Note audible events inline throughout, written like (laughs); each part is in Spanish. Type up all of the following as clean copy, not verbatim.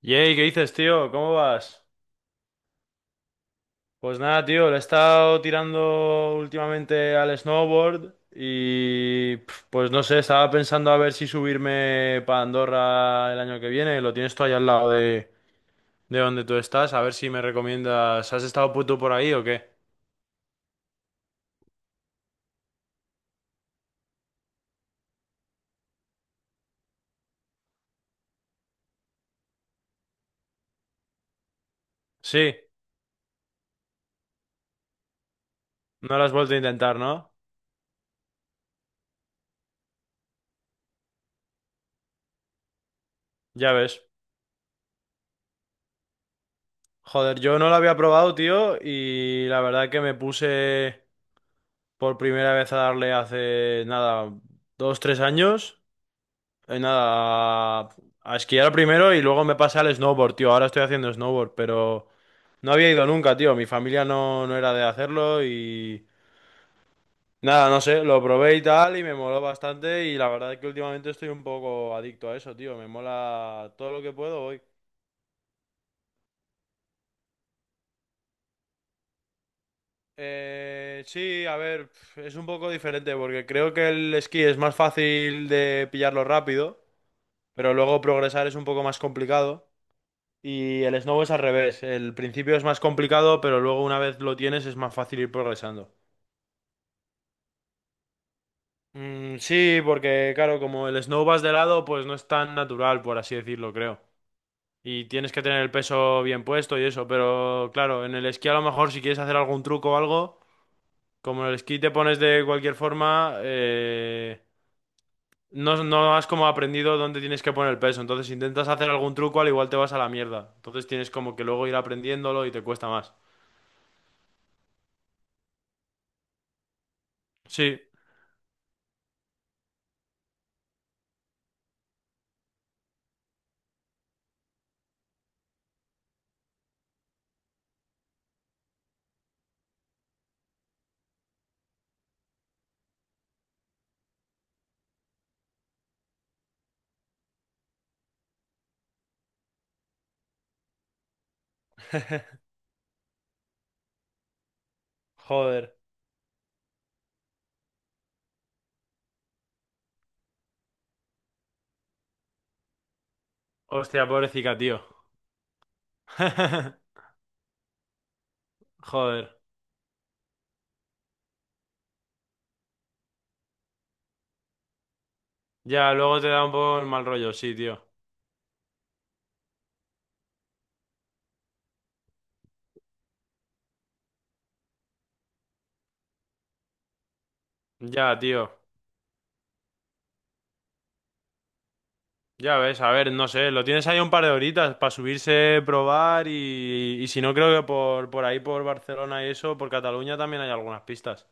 Yey, ¿qué dices, tío? ¿Cómo vas? Pues nada, tío, le he estado tirando últimamente al snowboard y pues no sé, estaba pensando a ver si subirme para Andorra el año que viene. Lo tienes tú ahí al lado de donde tú estás, a ver si me recomiendas. ¿Has estado puto por ahí o qué? Sí, no lo has vuelto a intentar, ¿no? Ya ves. Joder, yo no lo había probado, tío, y la verdad que me puse por primera vez a darle hace nada, 2, 3 años. Nada, a esquiar primero y luego me pasé al snowboard, tío. Ahora estoy haciendo snowboard, pero no había ido nunca, tío. Mi familia no, no era de hacerlo y nada, no sé, lo probé y tal y me moló bastante y la verdad es que últimamente estoy un poco adicto a eso, tío. Me mola todo lo que puedo hoy. Sí, a ver, es un poco diferente porque creo que el esquí es más fácil de pillarlo rápido, pero luego progresar es un poco más complicado. Y el snow es al revés. El principio es más complicado, pero luego una vez lo tienes es más fácil ir progresando. Mm, sí, porque claro, como el snow vas de lado, pues no es tan natural, por así decirlo, creo. Y tienes que tener el peso bien puesto y eso, pero claro, en el esquí a lo mejor si quieres hacer algún truco o algo, como en el esquí te pones de cualquier forma, no, no has como aprendido dónde tienes que poner el peso. Entonces, si intentas hacer algún truco, al igual te vas a la mierda. Entonces tienes como que luego ir aprendiéndolo y te cuesta más. Sí. (laughs) Joder. Hostia, pobrecita, tío. (laughs) Joder. Ya, luego te da un poco el mal rollo, sí, tío. Ya, tío. Ya ves, a ver, no sé, lo tienes ahí un par de horitas para subirse, probar y si no, creo que por ahí, por Barcelona y eso, por Cataluña también hay algunas pistas.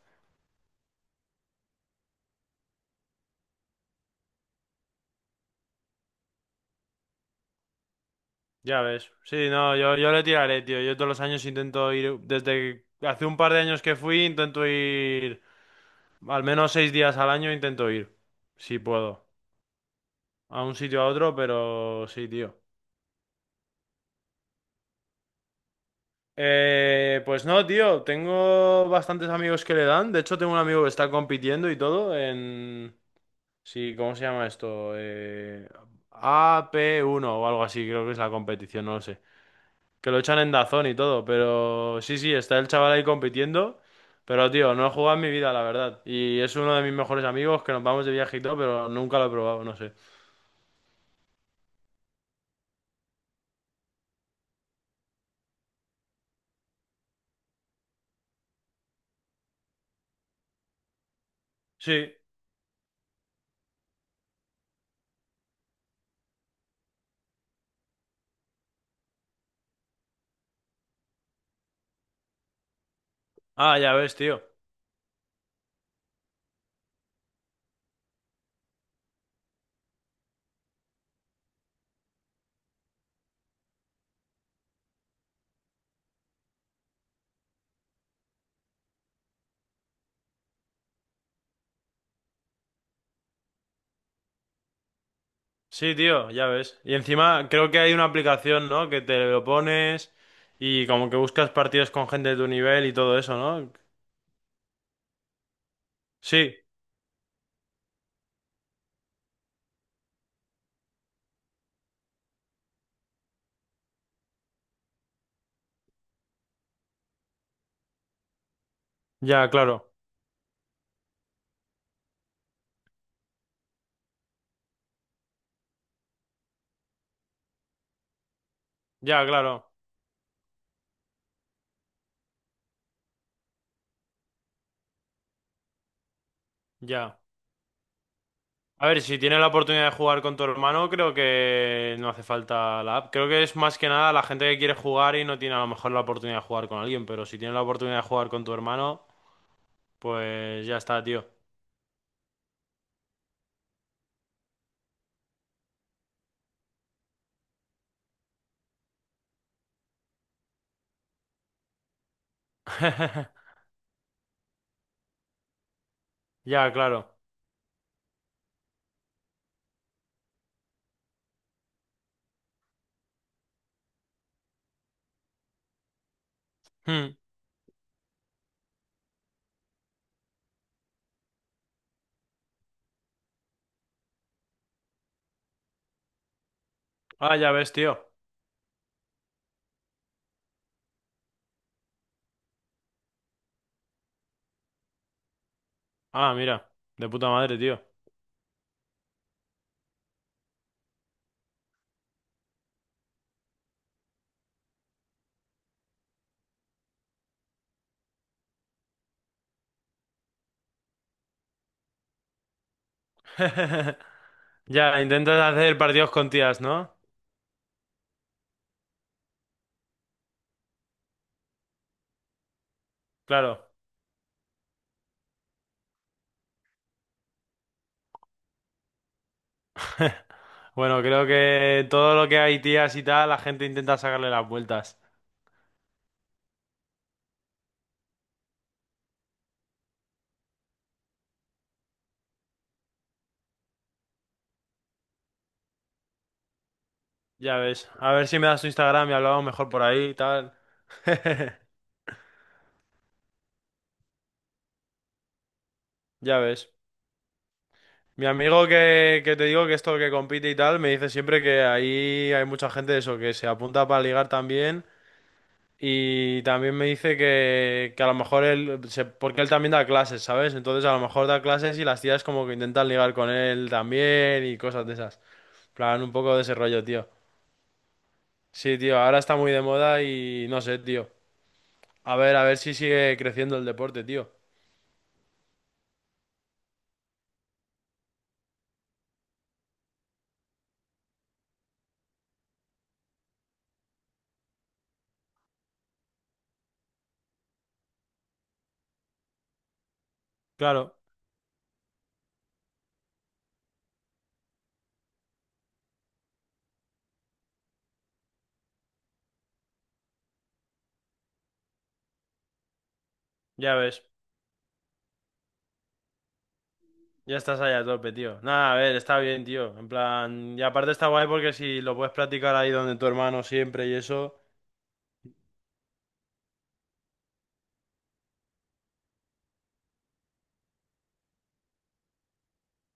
Ya ves. Sí, no, yo le tiraré, tío. Yo todos los años intento ir, desde hace un par de años que fui, intento ir, al menos 6 días al año intento ir, si puedo, a un sitio a otro, pero sí, tío. Pues no, tío, tengo bastantes amigos que le dan. De hecho, tengo un amigo que está compitiendo y todo en... Sí, ¿cómo se llama esto? AP1 o algo así, creo que es la competición, no lo sé. Que lo echan en Dazón y todo, pero sí, sí, está el chaval ahí compitiendo. Pero, tío, no he jugado en mi vida, la verdad. Y es uno de mis mejores amigos que nos vamos de viaje y todo, pero nunca lo he probado, no sé. Sí. Ah, ya ves, tío. Sí, tío, ya ves. Y encima creo que hay una aplicación, ¿no? Que te lo pones y como que buscas partidos con gente de tu nivel y todo eso, ¿no? Sí, ya, claro. Ya, claro. Ya. A ver, si tienes la oportunidad de jugar con tu hermano, creo que no hace falta la app. Creo que es más que nada la gente que quiere jugar y no tiene a lo mejor la oportunidad de jugar con alguien, pero si tienes la oportunidad de jugar con tu hermano, pues ya está, tío. (laughs) Ya, claro. Hmm. Ah, ya ves, tío. Ah, mira. De puta madre, tío. (laughs) Ya, intentas hacer partidos con tías, ¿no? Claro. (laughs) Bueno, creo que todo lo que hay tías y tal, la gente intenta sacarle las vueltas. Ya ves. A ver si me das tu Instagram y hablamos mejor por ahí y tal. (laughs) Ya ves. Mi amigo que te digo que esto que compite y tal, me dice siempre que ahí hay mucha gente de eso, que se apunta para ligar también. Y también me dice que a lo mejor él, porque él también da clases, ¿sabes? Entonces a lo mejor da clases y las tías como que intentan ligar con él también y cosas de esas. Plan, un poco de ese rollo, tío. Sí, tío, ahora está muy de moda y no sé, tío. A ver si sigue creciendo el deporte, tío. Claro, ya ves, ya estás ahí a tope, tío. Nada, a ver, está bien, tío. En plan, y aparte está guay porque si lo puedes practicar ahí donde tu hermano siempre y eso.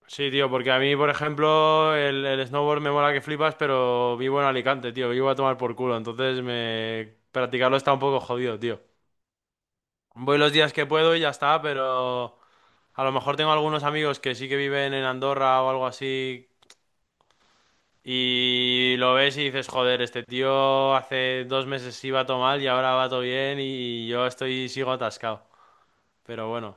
Sí, tío, porque a mí, por ejemplo, el snowboard me mola que flipas, pero vivo en Alicante, tío, vivo a tomar por culo, entonces me... practicarlo está un poco jodido, tío. Voy los días que puedo y ya está, pero a lo mejor tengo algunos amigos que sí que viven en Andorra o algo así y lo ves y dices, joder, este tío hace 2 meses iba todo mal y ahora va todo bien y yo estoy sigo atascado. Pero bueno,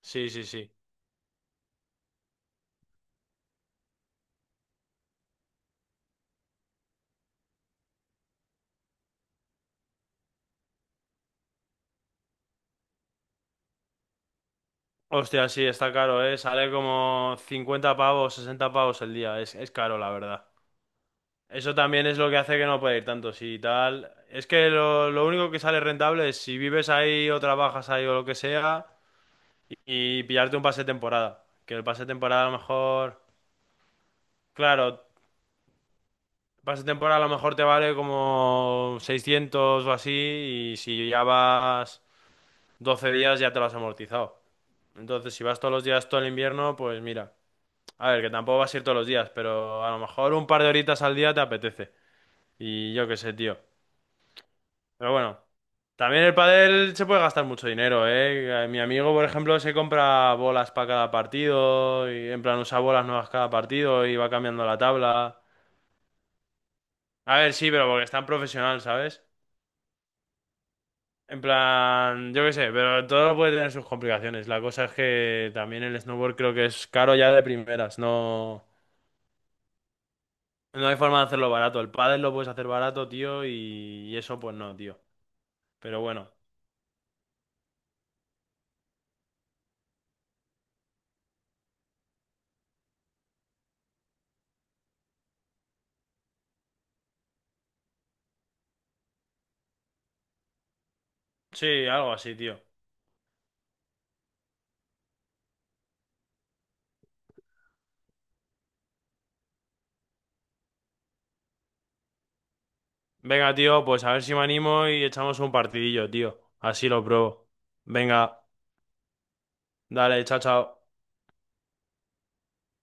sí, sí, sí. Hostia, sí, está caro, ¿eh? Sale como 50 pavos, 60 pavos el día. Es caro, la verdad. Eso también es lo que hace que no pueda ir tanto, sí, tal. Es que lo único que sale rentable es si vives ahí o trabajas ahí o lo que sea. Y pillarte un pase de temporada. Que el pase de temporada a lo mejor, claro, pase de temporada a lo mejor te vale como 600 o así y si ya vas 12 días ya te lo has amortizado. Entonces, si vas todos los días todo el invierno, pues mira, a ver, que tampoco vas a ir todos los días, pero a lo mejor un par de horitas al día te apetece. Y yo qué sé, tío. Pero bueno, también el pádel se puede gastar mucho dinero, ¿eh? Mi amigo, por ejemplo, se compra bolas para cada partido y en plan usa bolas nuevas cada partido y va cambiando la tabla. A ver, sí, pero porque es tan profesional, ¿sabes? En plan, yo qué sé, pero todo puede tener sus complicaciones. La cosa es que también el snowboard creo que es caro ya de primeras, no, no hay forma de hacerlo barato. El pádel lo puedes hacer barato, tío, y eso pues no, tío. Pero bueno, sí, algo así, tío. Venga, tío, pues a ver si me animo y echamos un partidillo, tío. Así lo pruebo. Venga, dale, chao, chao.